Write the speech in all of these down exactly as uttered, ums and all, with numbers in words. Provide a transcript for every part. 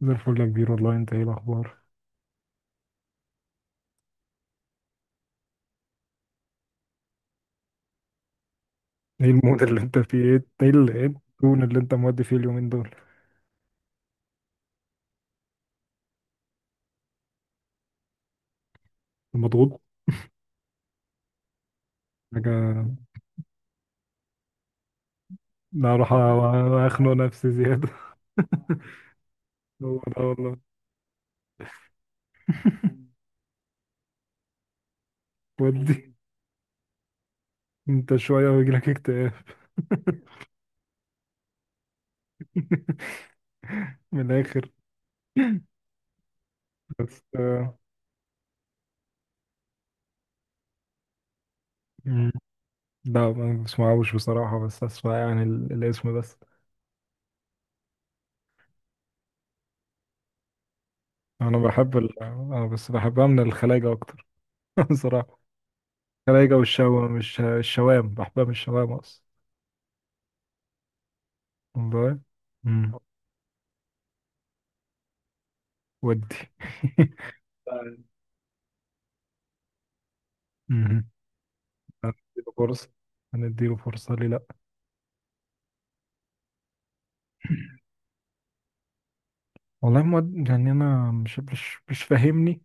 زي الفل يا كبير، والله انت ايه الاخبار؟ ايه المود اللي انت فيه؟ ايه ايه ال- ايه التون اللي انت مودي فيه اليومين دول؟ مضغوط. حاجة. لا، اروح أ- اخنق نفسي زيادة. هو ده والله. ودي. انت شوية ويجيلك اكتئاب. من الاخر. بس آه، مم. لا، ما بسمعوش بصراحة، بس اسمع يعني ال- الاسم بس. انا بحب ال... انا بس بحبها من الخلايجة اكتر. بصراحة. الخلايجة والشوا، مش الشوام، بحبها من الشوام اصلا. والله. ودي. مهم. هنديله فرصة، هنديله فرصة ليه لأ؟ والله مواد، يعني أنا مش مش مش فاهمني.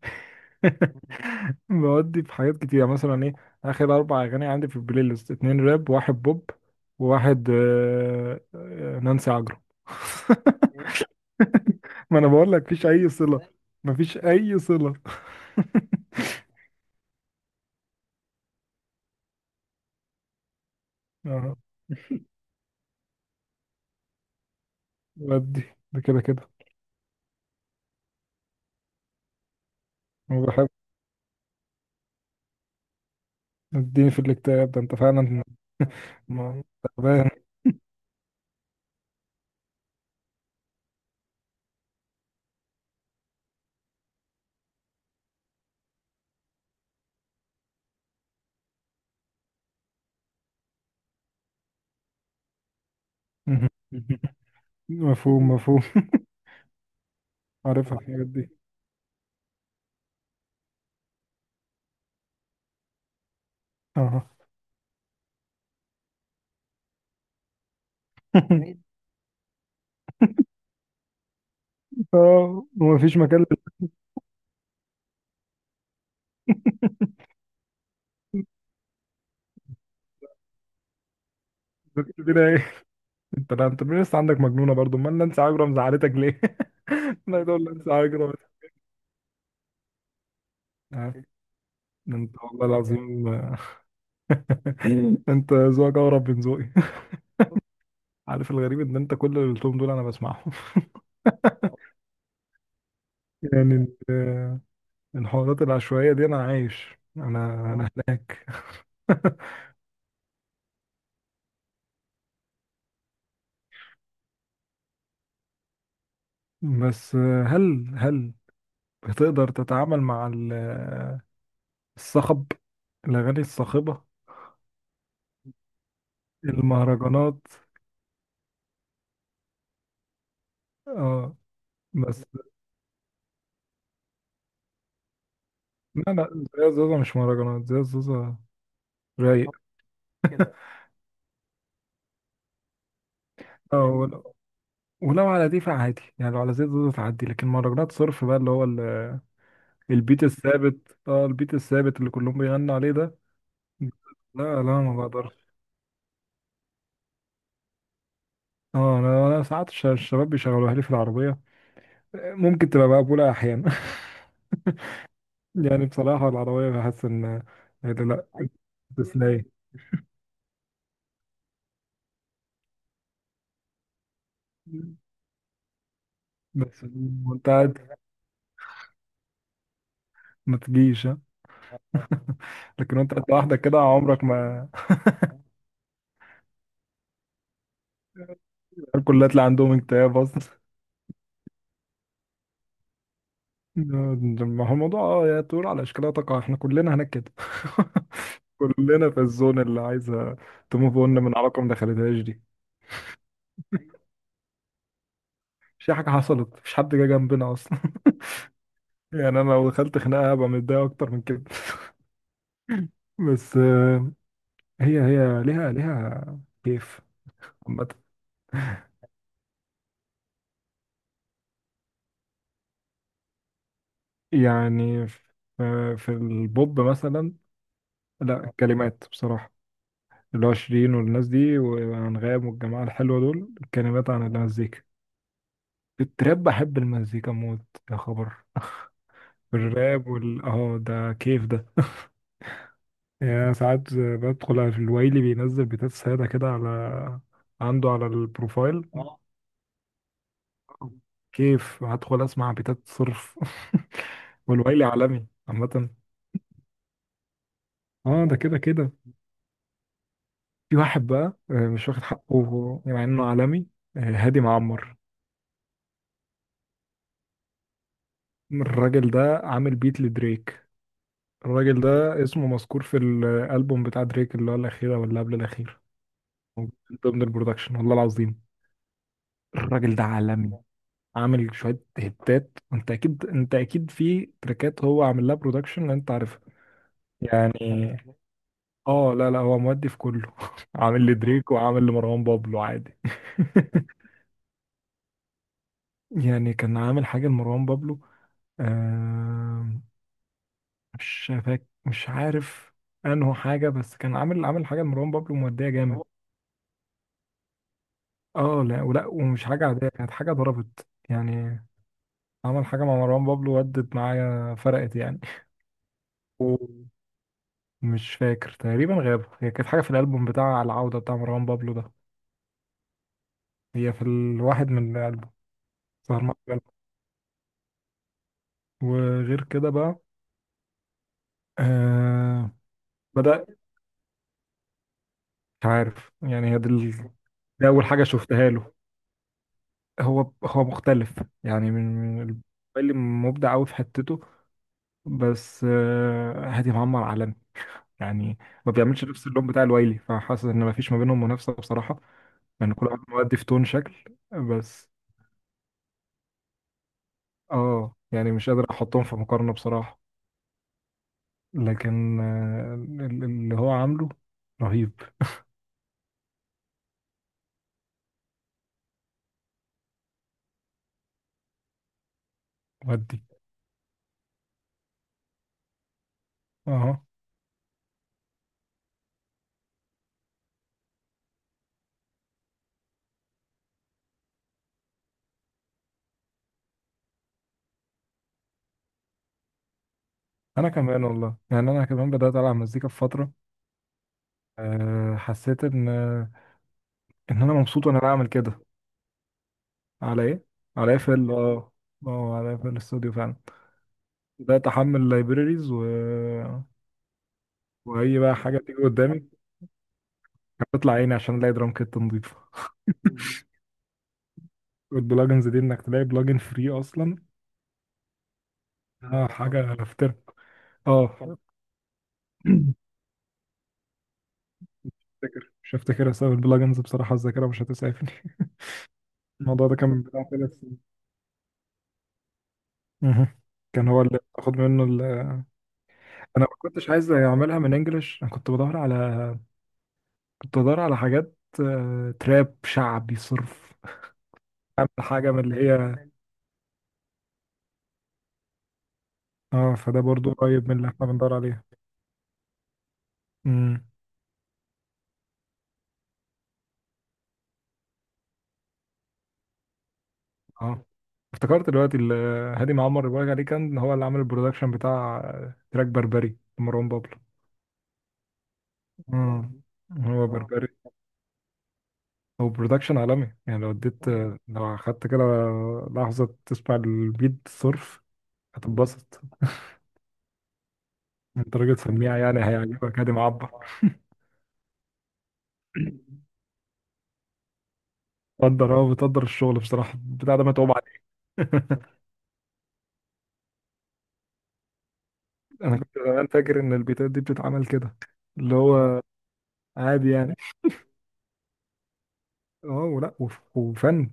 بودي في حاجات كتير، يعني مثلا إيه؟ آخر أربع أغاني عندي في البلاي ليست اتنين راب، واحد بوب، وواحد آه، آه، نانسي عجرم. ما أنا بقول لك مفيش أي صلة. مفيش أي صلة. آه، ودي. ده كده كده. وبحب. اديني في الاكتئاب ده أنت فعلا. ما- تعبان. مفهوم مفهوم. عارفها الحاجات دي. اه. جميل. اه، ومفيش مكان كده ايه؟ انت، لا، انت لسه عندك مجنونه برضو؟ امال نانسي عجرم زعلتك ليه؟ لا تقول نانسي عجرم. آه. انت والله العظيم. آه، انت ذوقك اقرب من ذوقي. عارف الغريب ان انت كل اللي قلتهم دول انا بسمعهم. يعني آه، الحوارات العشوائيه دي انا عايش. انا اه انا. بس آه، هل هل بتقدر تتعامل مع ال- آه، الصخب؟ الاغاني الصاخبه. المهرجانات. اه. بس. لا، لا، زي زوزة مش مهرجانات، زي زوزة رايق كده. اه ولو, ولو على دي فعادي، يعني لو على زي زوزة تعدي. لكن مهرجانات صرف بقى، اللي هو ال- البيت الثابت، اه، البيت الثابت اللي كلهم بيغنوا عليه ده. لا، لا، ما بقدرش. اه، انا أنا ساعات الش- الشباب بيشغلوها لي في العربية، ممكن تبقى مقبولة احيانا. يعني بصراحة العربية بحس ان إيه ده، لا. تسلاي. بس وانت قاعد ما تجيش. آه. لكن انت تطلع لوحدك كده عمرك ما... الكل هتلاقي عندهم اكتئاب اصلا. ده- ما هو الموضوع، اه، يا طول على اشكالها تقع، احنا كلنا هناك كده. كلنا في الزون اللي عايزه تموف اون من علاقه ما دخلتهاش دي. مش اي حاجه حصلت، مفيش حد جه جنبنا اصلا. يعني انا لو دخلت خناقه هبقى متضايق اكتر من كده. بس آه، هي هي ليها ليها كيف. عامه. يعني في في البوب مثلا، لا، كلمات بصراحه. اللي هو شيرين والناس دي وأنغام والجماعة الحلوة دول، الكلمات عن المزيكا. التراب بحب المزيكا موت. يا خبر. الراب وال اه ده كيف ده. يعني ساعات بدخل على الويلي، بينزل بيتات سادة كده على عنده على البروفايل، اه، كيف هدخل اسمع بيتات صرف. والويلي عالمي عامة. اه، ده كده كده. في واحد بقى آه، مش واخد حقه مع انه عالمي. آه، هادي معمر. الراجل ده عامل بيت لدريك. الراجل ده اسمه مذكور في الالبوم بتاع دريك، اللي هو الاخير او اللي قبل الاخير. من ضمن البرودكشن والله العظيم. الراجل ده عالمي. عامل شويه هتات. انت اكيد، انت اكيد في تراكات هو عامل لها برودكشن انت عارفها. يعني اه، لا، لا، هو مودي في كله. عامل لدريك وعامل لمروان بابلو عادي. يعني كان عامل حاجه لمروان بابلو، آه مش فاك، مش عارف انه حاجه، بس كان عامل، عامل حاجه لمروان بابلو موديه جامد. اه، لا، ولا ومش حاجة عادية، كانت حاجة ضربت يعني. عمل حاجة مع مروان بابلو ودت معايا، فرقت يعني. ومش فاكر تقريبا، غابوا، هي كانت حاجة في الألبوم بتاع العودة بتاع مروان بابلو ده. هي في الواحد من الألبوم. ظهر معايا في الألبوم. وغير كده بقى. آه بدأ. مش عارف يعني، هي دي، ال- دي أول حاجة شفتها له. هو هو مختلف، يعني من من اللي مبدع أوي في حتته. بس آه، هادي معمر عالمي يعني. ما بيعملش نفس اللون بتاع الوايلي، فحاسس ان ما فيش ما بينهم منافسه بصراحه. لان كل واحد مؤدي في تون شكل. بس اه يعني مش قادر احطهم في مقارنه بصراحه. لكن آه، ال- اللي هو عامله رهيب. مؤدي. اه، انا كمان والله، يعني انا كمان بدات العب مزيكا في فتره. أه حسيت ان آه، ان انا مبسوط وانا بعمل كده. على ايه؟ على ايفل، اه. اه، على ايفل الاستوديو فعلا. بدات احمل لايبريريز، و... واي بقى حاجه تيجي قدامي هتطلع عيني عشان الاقي درام كيت نضيفه. والبلجنز دي انك تلاقي بلجن فري اصلا. اه، حاجه افتر. اه. افتكر، مش هفتكر اسباب البلجنز بصراحه، الذاكره مش هتسعفني. الموضوع ده كان من بتاع ثلاث سنين. مهم. كان هو اللي باخد منه ال... انا ما كنتش عايز اعملها من انجلش، انا كنت بدور على... كنت بدور على حاجات آه، تراب شعبي صرف. اعمل حاجه من اللي هي... اه، فده برضو قريب من اللي احنا بندور عليها. مم. اه، افتكرت دلوقتي ال- هادي معمر اللي بقولك عليه كان هو اللي عمل البرودكشن بتاع تراك بربري لمروان بابلو. امم هو اه بربري. هو برودكشن عالمي، يعني لو اديت اه لو اخدت كده لحظة تسمع البيت صرف، هتتبسط. انت راجل سميع، يعني هيعجبك هادي معبر. بتقدر اه بتقدر الشغل بصراحة، البتاع ده متعوب عليه. انا كنت زمان فاكر ان البيتات دي بتتعمل كده، اللي هو عادي يعني. اه، ولا، وف- وفن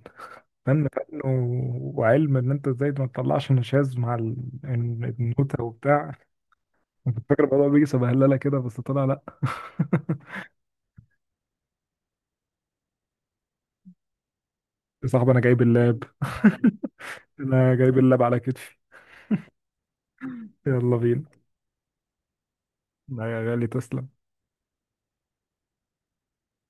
فن فن و- وعلم ان انت ازاي ما تطلعش نشاز مع ال- ال- النوتة وبتاع. كنت فاكر الموضوع بيجي سبهلله كده، بس طلع لا. يا صاحبي، انا جايب اللاب. انا جايب اللاب على كتفي. يلا بينا. لا يا غالي، تسلم.